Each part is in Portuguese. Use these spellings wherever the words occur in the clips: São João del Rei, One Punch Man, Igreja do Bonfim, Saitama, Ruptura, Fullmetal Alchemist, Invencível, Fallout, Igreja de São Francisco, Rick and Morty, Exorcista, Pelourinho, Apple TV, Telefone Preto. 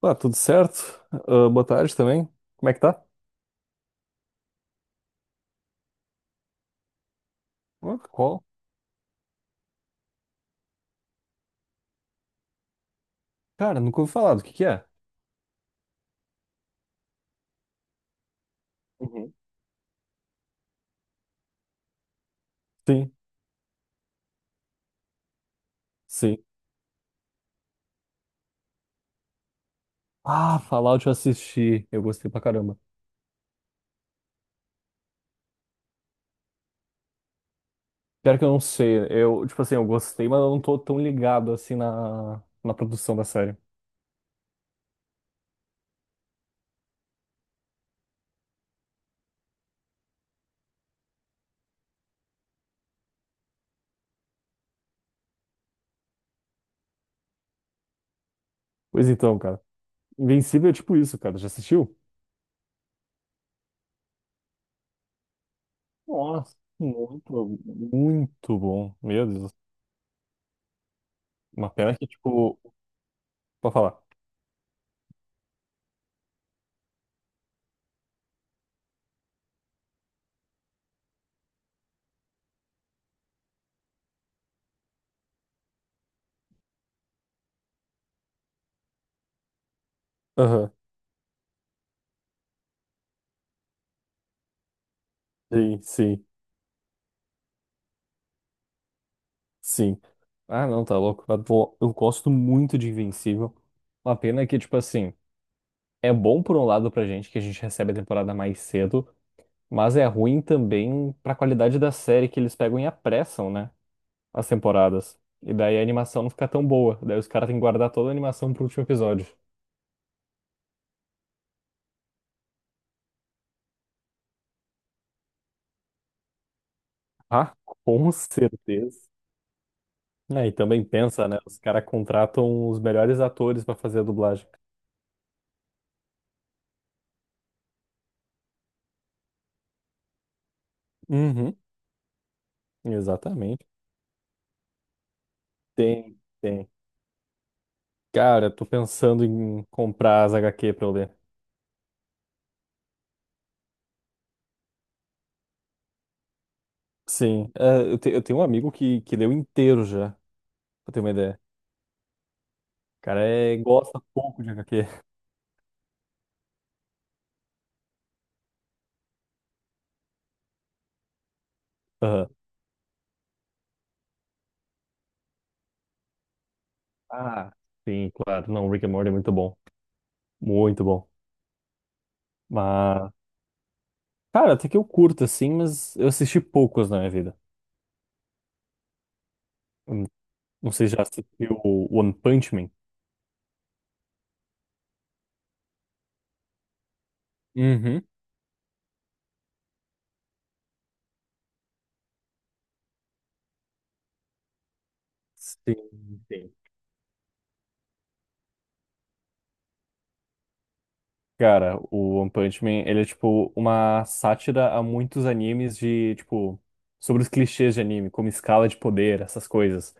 Tá, tudo certo? Ah, boa tarde também. Como é que tá? Ah, qual? Cara, nunca ouvi falar. Do que é? Uhum. Sim, sim. Ah, Fallout eu assisti. Eu gostei pra caramba. Pior que eu não sei. Eu, tipo assim, eu gostei, mas eu não tô tão ligado assim na produção da série. Pois então, cara. Invencível é tipo isso, cara. Já assistiu? Nossa, muito, muito bom. Meu Deus. Uma pena que, tipo, pra falar. Aham. Sim, sim. Sim. Ah, não, tá louco. Eu gosto muito de Invencível. Uma pena que, tipo assim, é bom por um lado pra gente, que a gente recebe a temporada mais cedo, mas é ruim também pra qualidade da série que eles pegam e apressam, né? As temporadas. E daí a animação não fica tão boa. Daí os caras têm que guardar toda a animação pro último episódio. Ah, com certeza. É, e também pensa, né? Os caras contratam os melhores atores pra fazer a dublagem. Uhum, exatamente. Tem, tem. Cara, tô pensando em comprar as HQ pra eu ler. Sim, é, eu tenho um amigo que leu inteiro já, pra ter uma ideia. O cara é, gosta pouco de HQ. Aham. Ah, sim, claro. Não, Rick and Morty é muito bom. Muito bom. Mas, cara, até que eu curto, assim, mas eu assisti poucos na minha vida. Hum, Não sei se já assistiu o One Punch Man. Uhum. Sim, sim. Cara, o One Punch Man, ele é tipo uma sátira a muitos animes de, tipo, sobre os clichês de anime, como escala de poder, essas coisas.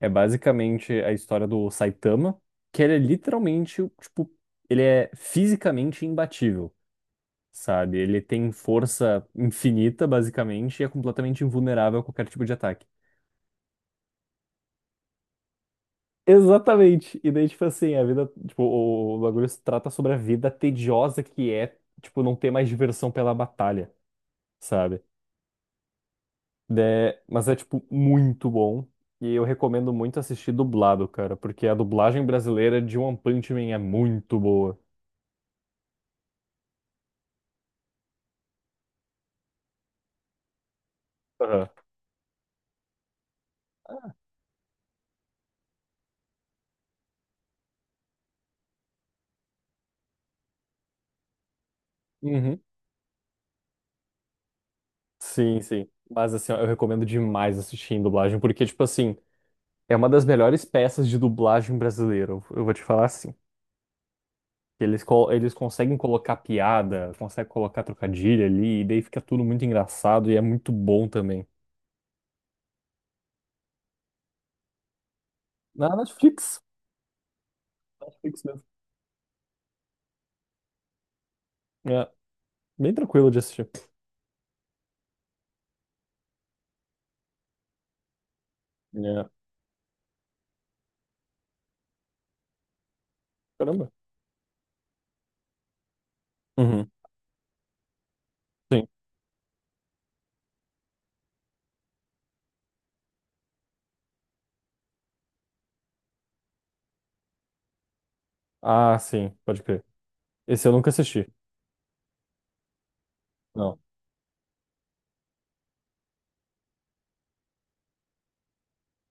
É basicamente a história do Saitama, que ele é literalmente, tipo, ele é fisicamente imbatível, sabe? Ele tem força infinita, basicamente, e é completamente invulnerável a qualquer tipo de ataque. Exatamente. E daí, tipo assim, a vida, tipo, o bagulho se trata sobre a vida tediosa que é, tipo, não ter mais diversão pela batalha. Sabe? É, mas é, tipo, muito bom. E eu recomendo muito assistir dublado, cara, porque a dublagem brasileira de One Punch Man é muito boa. Aham. Uhum. Sim, sim. Mas assim, ó, eu recomendo demais assistir em dublagem, porque, tipo assim, é uma das melhores peças de dublagem brasileira. Eu vou te falar assim. Eles conseguem colocar piada, conseguem colocar trocadilho ali, e daí fica tudo muito engraçado e é muito bom também. Na Netflix. Netflix mesmo. É, bem tranquilo de assistir. É. Caramba. Uhum. Sim. Ah, sim, pode crer. Esse eu nunca assisti. Não.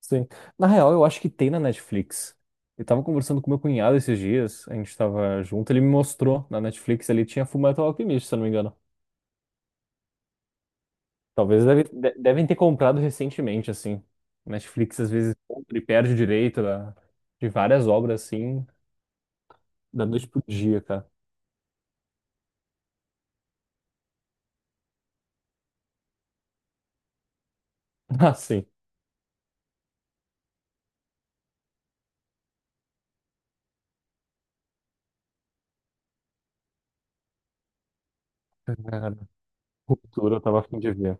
Sim. Na real, eu acho que tem na Netflix. Eu tava conversando com meu cunhado esses dias, a gente tava junto, ele me mostrou na Netflix, ele tinha Fullmetal Alchemist, se eu não me engano. Talvez devem ter comprado recentemente, assim. Netflix às vezes compra e perde o direito da- de várias obras, assim, da noite pro dia, cara. Ah, sim. Cara, Ruptura, eu tava a fim de ver.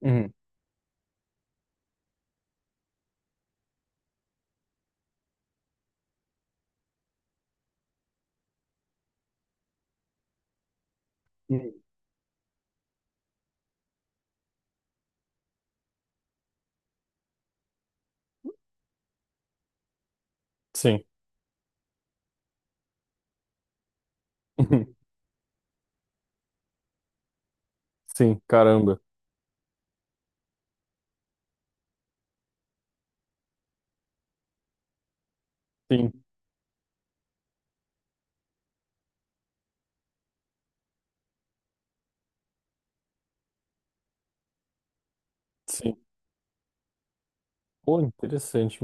Uhum. Uhum. Sim. Sim, caramba. Sim, sim. Pô, interessante.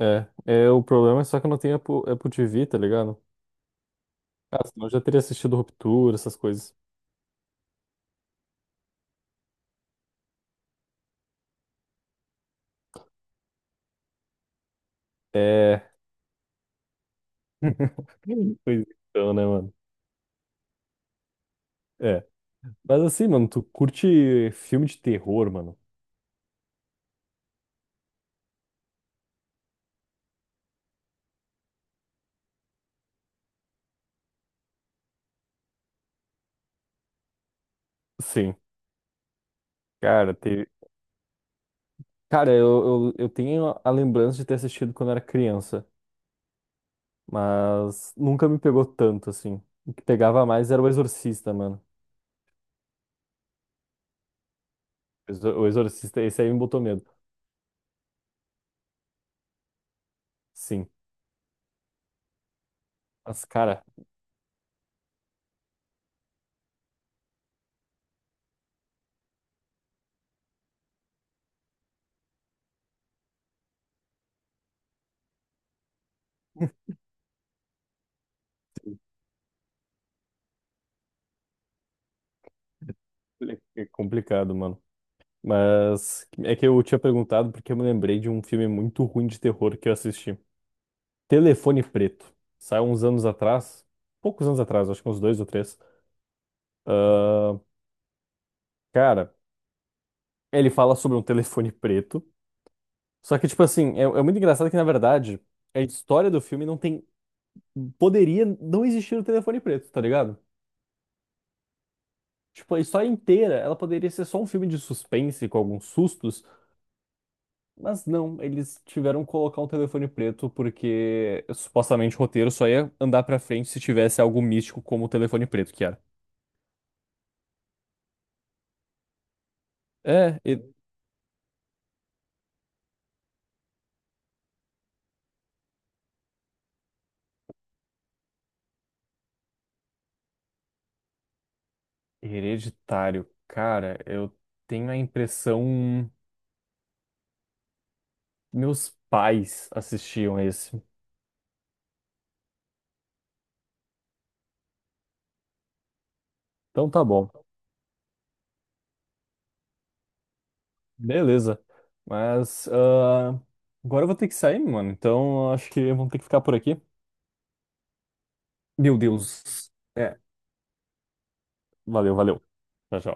É, é, o problema é só que eu não tenho Apple, Apple TV, tá ligado? Ah, senão eu já teria assistido Ruptura, essas coisas. É. Pois então, né, mano? É. Mas assim, mano, tu curte filme de terror, mano? Sim. Cara, teve... Cara, eu tenho a lembrança de ter assistido quando era criança, mas nunca me pegou tanto, assim. O que pegava mais era o Exorcista, mano. O Exorcista, esse aí me botou medo. Sim. Mas, cara, é complicado, mano. Mas é que eu tinha perguntado porque eu me lembrei de um filme muito ruim de terror que eu assisti. Telefone Preto. Saiu uns anos atrás, poucos anos atrás, acho que uns dois ou três. Cara, ele fala sobre um telefone preto. Só que, tipo assim, é, é muito engraçado que, na verdade, a história do filme não tem. Poderia não existir o telefone preto, tá ligado? Tipo, a história inteira, ela poderia ser só um filme de suspense com alguns sustos. Mas não, eles tiveram que colocar um telefone preto porque supostamente o roteiro só ia andar pra frente se tivesse algo místico como o telefone preto, que era. É, he- Hereditário. Cara, eu tenho a impressão meus pais assistiam esse. Então tá bom. Beleza. Mas ah, agora eu vou ter que sair, mano. Então acho que vamos ter que ficar por aqui. Meu Deus. É, valeu, valeu. Tchau, tchau.